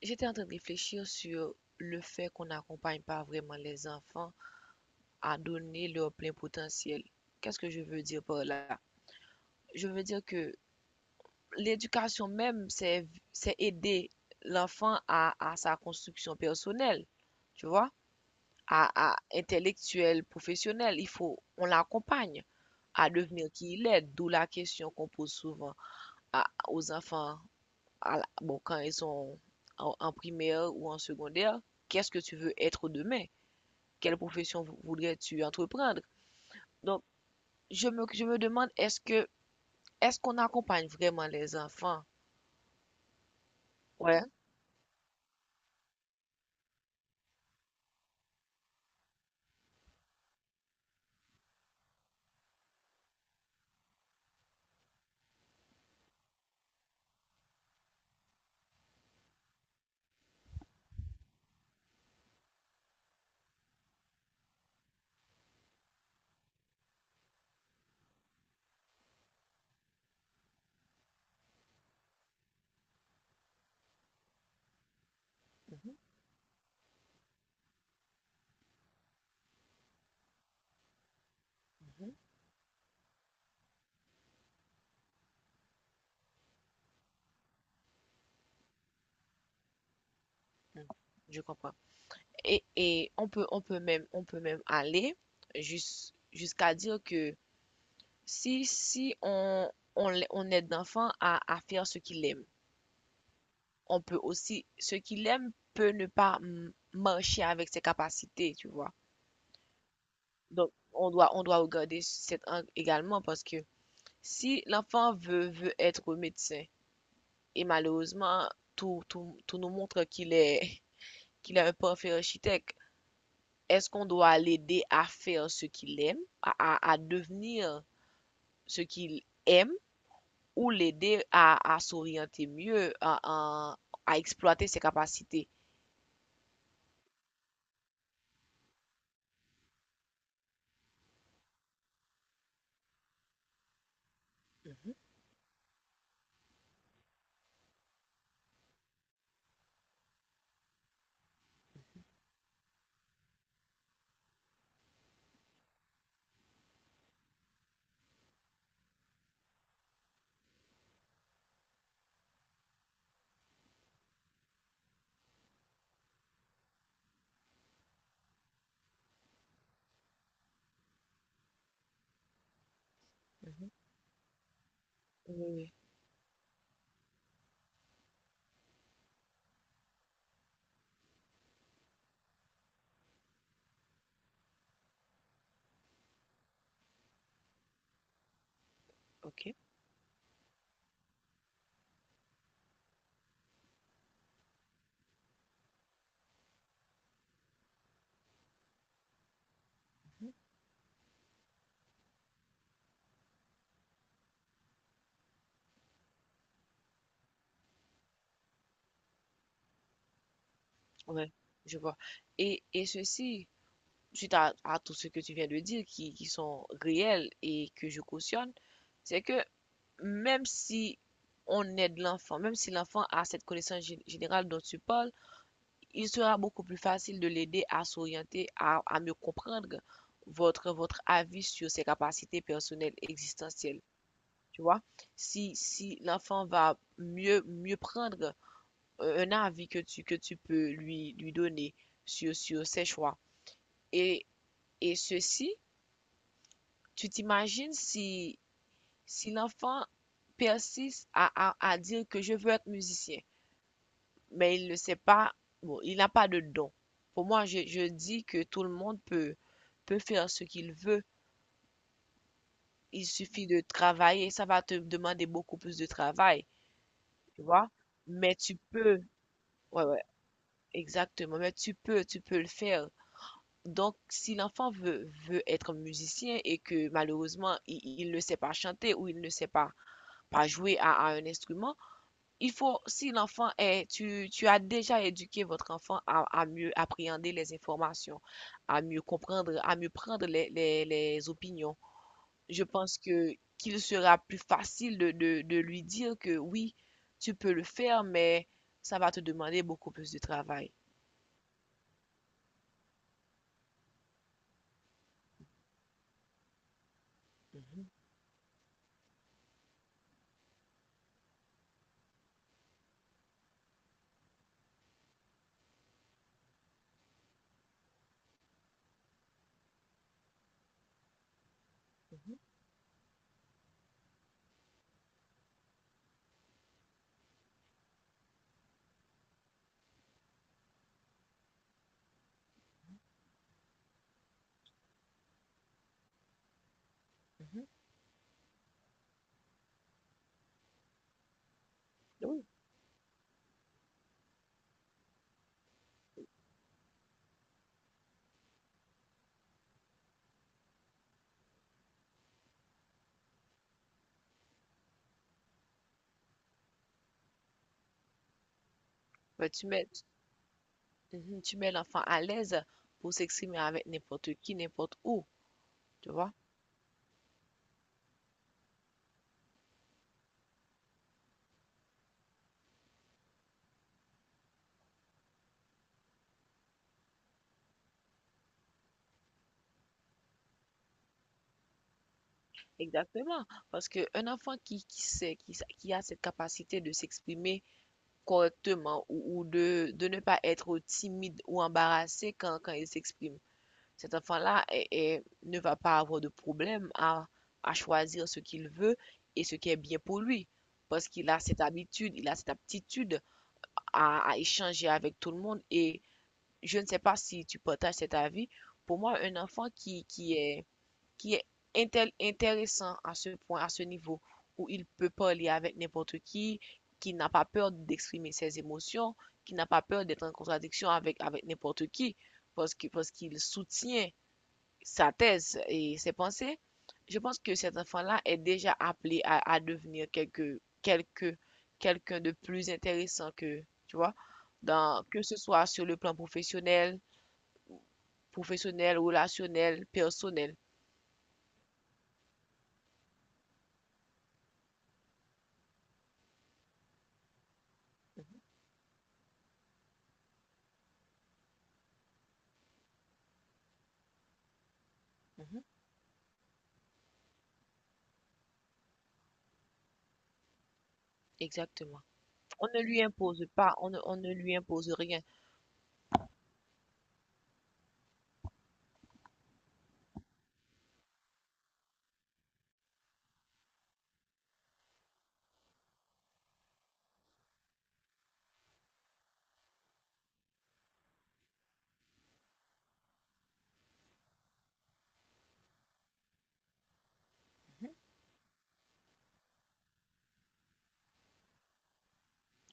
J'étais en train de réfléchir sur le fait qu'on n'accompagne pas vraiment les enfants à donner leur plein potentiel. Qu'est-ce que je veux dire par là? Je veux dire que l'éducation c'est aider l'enfant à sa construction personnelle, tu vois, à intellectuelle, professionnelle. On l'accompagne à devenir qui il est, d'où la question qu'on pose souvent aux enfants, bon, quand ils sont en primaire ou en secondaire, qu'est-ce que tu veux être demain? Quelle profession voudrais-tu entreprendre? Donc, je me demande, est-ce qu'on accompagne vraiment les enfants? Ouais. Mhm, mhm, mhm. Je comprends. Et on peut même aller jusqu'à dire que si on aide l'enfant à faire ce qu'il aime, on peut aussi, ce qu'il aime peut ne pas marcher avec ses capacités, tu vois. Donc, on doit regarder cet angle également parce que si l'enfant veut être médecin et malheureusement tout nous montre qu'il est qu'il est un parfait architecte, est-ce qu'on doit l'aider à faire ce qu'il aime, à devenir ce qu'il aime ou l'aider à s'orienter mieux, à exploiter ses capacités? Mhm, mhm. Oui, oui, ok. Mhm. Ouais, je vois. Et ceci, suite à tout ce que tu viens de dire, qui sont réels et que je cautionne, c'est que même si on aide l'enfant, même si l'enfant a cette connaissance générale dont tu parles, il sera beaucoup plus facile de l'aider à s'orienter, à mieux comprendre votre avis sur ses capacités personnelles existentielles. Tu vois, si l'enfant va mieux prendre un avis que tu peux lui donner sur ses choix. Et, et ceci, tu t'imagines si l'enfant persiste à dire que je veux être musicien mais il ne sait pas, bon, il n'a pas de don. Pour moi, je dis que tout le monde peut faire ce qu'il veut. Il suffit de travailler. Ça va te demander beaucoup plus de travail, tu vois. Mais tu peux, ouais, ouais, exactement. Mais tu peux le faire. Donc, si l'enfant veut être musicien et que malheureusement, il ne sait pas chanter ou il ne sait pas jouer à un instrument. Il faut, si l'enfant est, tu as déjà éduqué votre enfant à mieux appréhender les informations, à mieux comprendre, à mieux prendre les opinions. Je pense que qu'il sera plus facile de lui dire que oui, tu peux le faire, mais ça va te demander beaucoup plus de travail. Mhm, mhm, mhm. Oui. Ouais, mhm, tu mets l'enfant à l'aise pour s'exprimer avec n'importe qui, n'importe où, tu vois. Exactement, parce qu'un enfant qui qui a cette capacité de s'exprimer correctement ou de ne pas être timide ou embarrassé quand il s'exprime, cet enfant-là ne va pas avoir de problème à choisir ce qu'il veut et ce qui est bien pour lui, parce qu'il a cette habitude, il a cette aptitude à échanger avec tout le monde. Et je ne sais pas si tu partages cet avis, pour moi, un enfant qui est qui est intéressant à ce point, à ce niveau, où il peut parler avec n'importe qui n'a pas peur d'exprimer ses émotions, qui n'a pas peur d'être en contradiction avec n'importe qui, parce qu'il soutient sa thèse et ses pensées. Je pense que cet enfant-là est déjà appelé à devenir quelqu'un de plus intéressant que, tu vois, dans, que ce soit sur le plan professionnel, professionnel, relationnel, personnel. Mhm, mhm, exactement. On ne lui impose pas, on ne lui impose rien.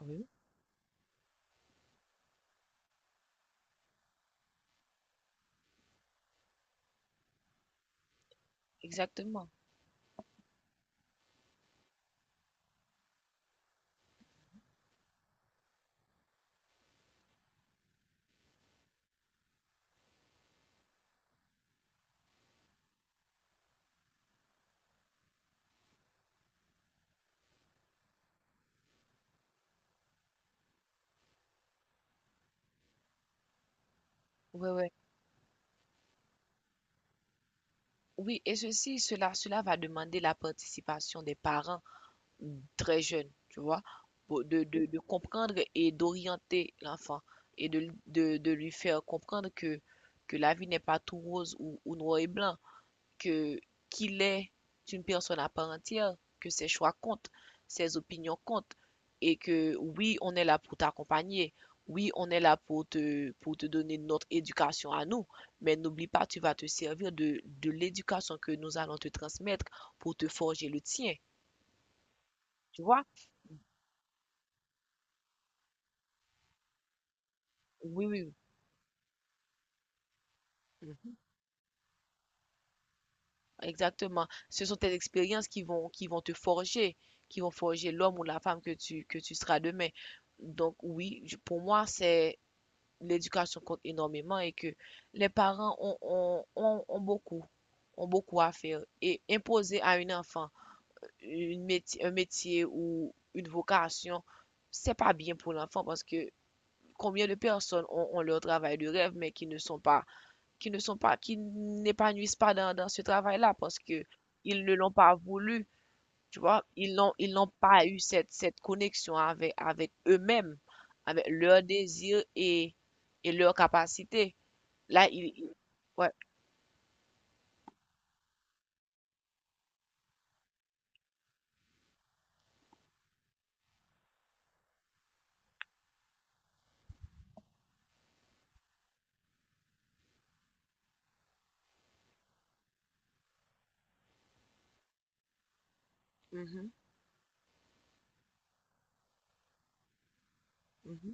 Oui, exactement. Ouais, ouais. Oui, et ceci, cela va demander la participation des parents très jeunes, tu vois, pour- de comprendre et d'orienter l'enfant et de lui faire comprendre que la vie n'est pas tout rose ou noir et blanc. Que Qu'il est une personne à part entière, que ses choix comptent, ses opinions comptent, et que oui, on est là pour t'accompagner, oui, on est là pour pour te donner notre éducation à nous, mais n'oublie pas, tu vas te servir de l'éducation que nous allons te transmettre pour te forger le tien, tu vois? Oui, oui, mhm, exactement. Ce sont tes expériences qui vont te forger, qui vont forger l'homme ou la femme que tu seras demain. Donc oui, pour moi, c'est l'éducation compte énormément et que les parents ont ont beaucoup à faire. Et imposer à un enfant une métier un métier ou une vocation, c'est pas bien pour l'enfant parce que combien de personnes ont, ont leur travail de rêve mais qui ne sont pas, qui n'épanouissent pas dans, dans ce travail-là parce que ils ne l'ont pas voulu, tu vois, ils n'ont pas eu cette, cette connexion avec eux-mêmes, avec leurs désirs et leurs capacités. Là, il- ouais. Mhm, mhm.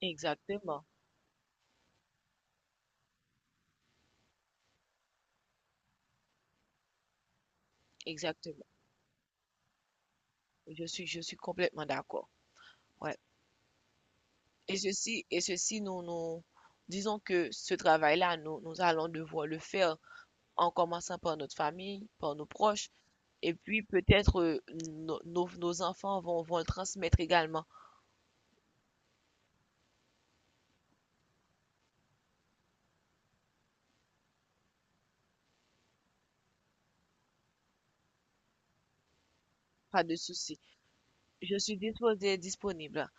Exactement, exactement. Je suis complètement d'accord. Ouais. Et ceci, nous disons que ce travail-là, nous allons devoir le faire en commençant par notre famille, par nos proches, et puis peut-être nos, nos enfants vont le transmettre également. Pas de souci. Je suis disposée, et disponible.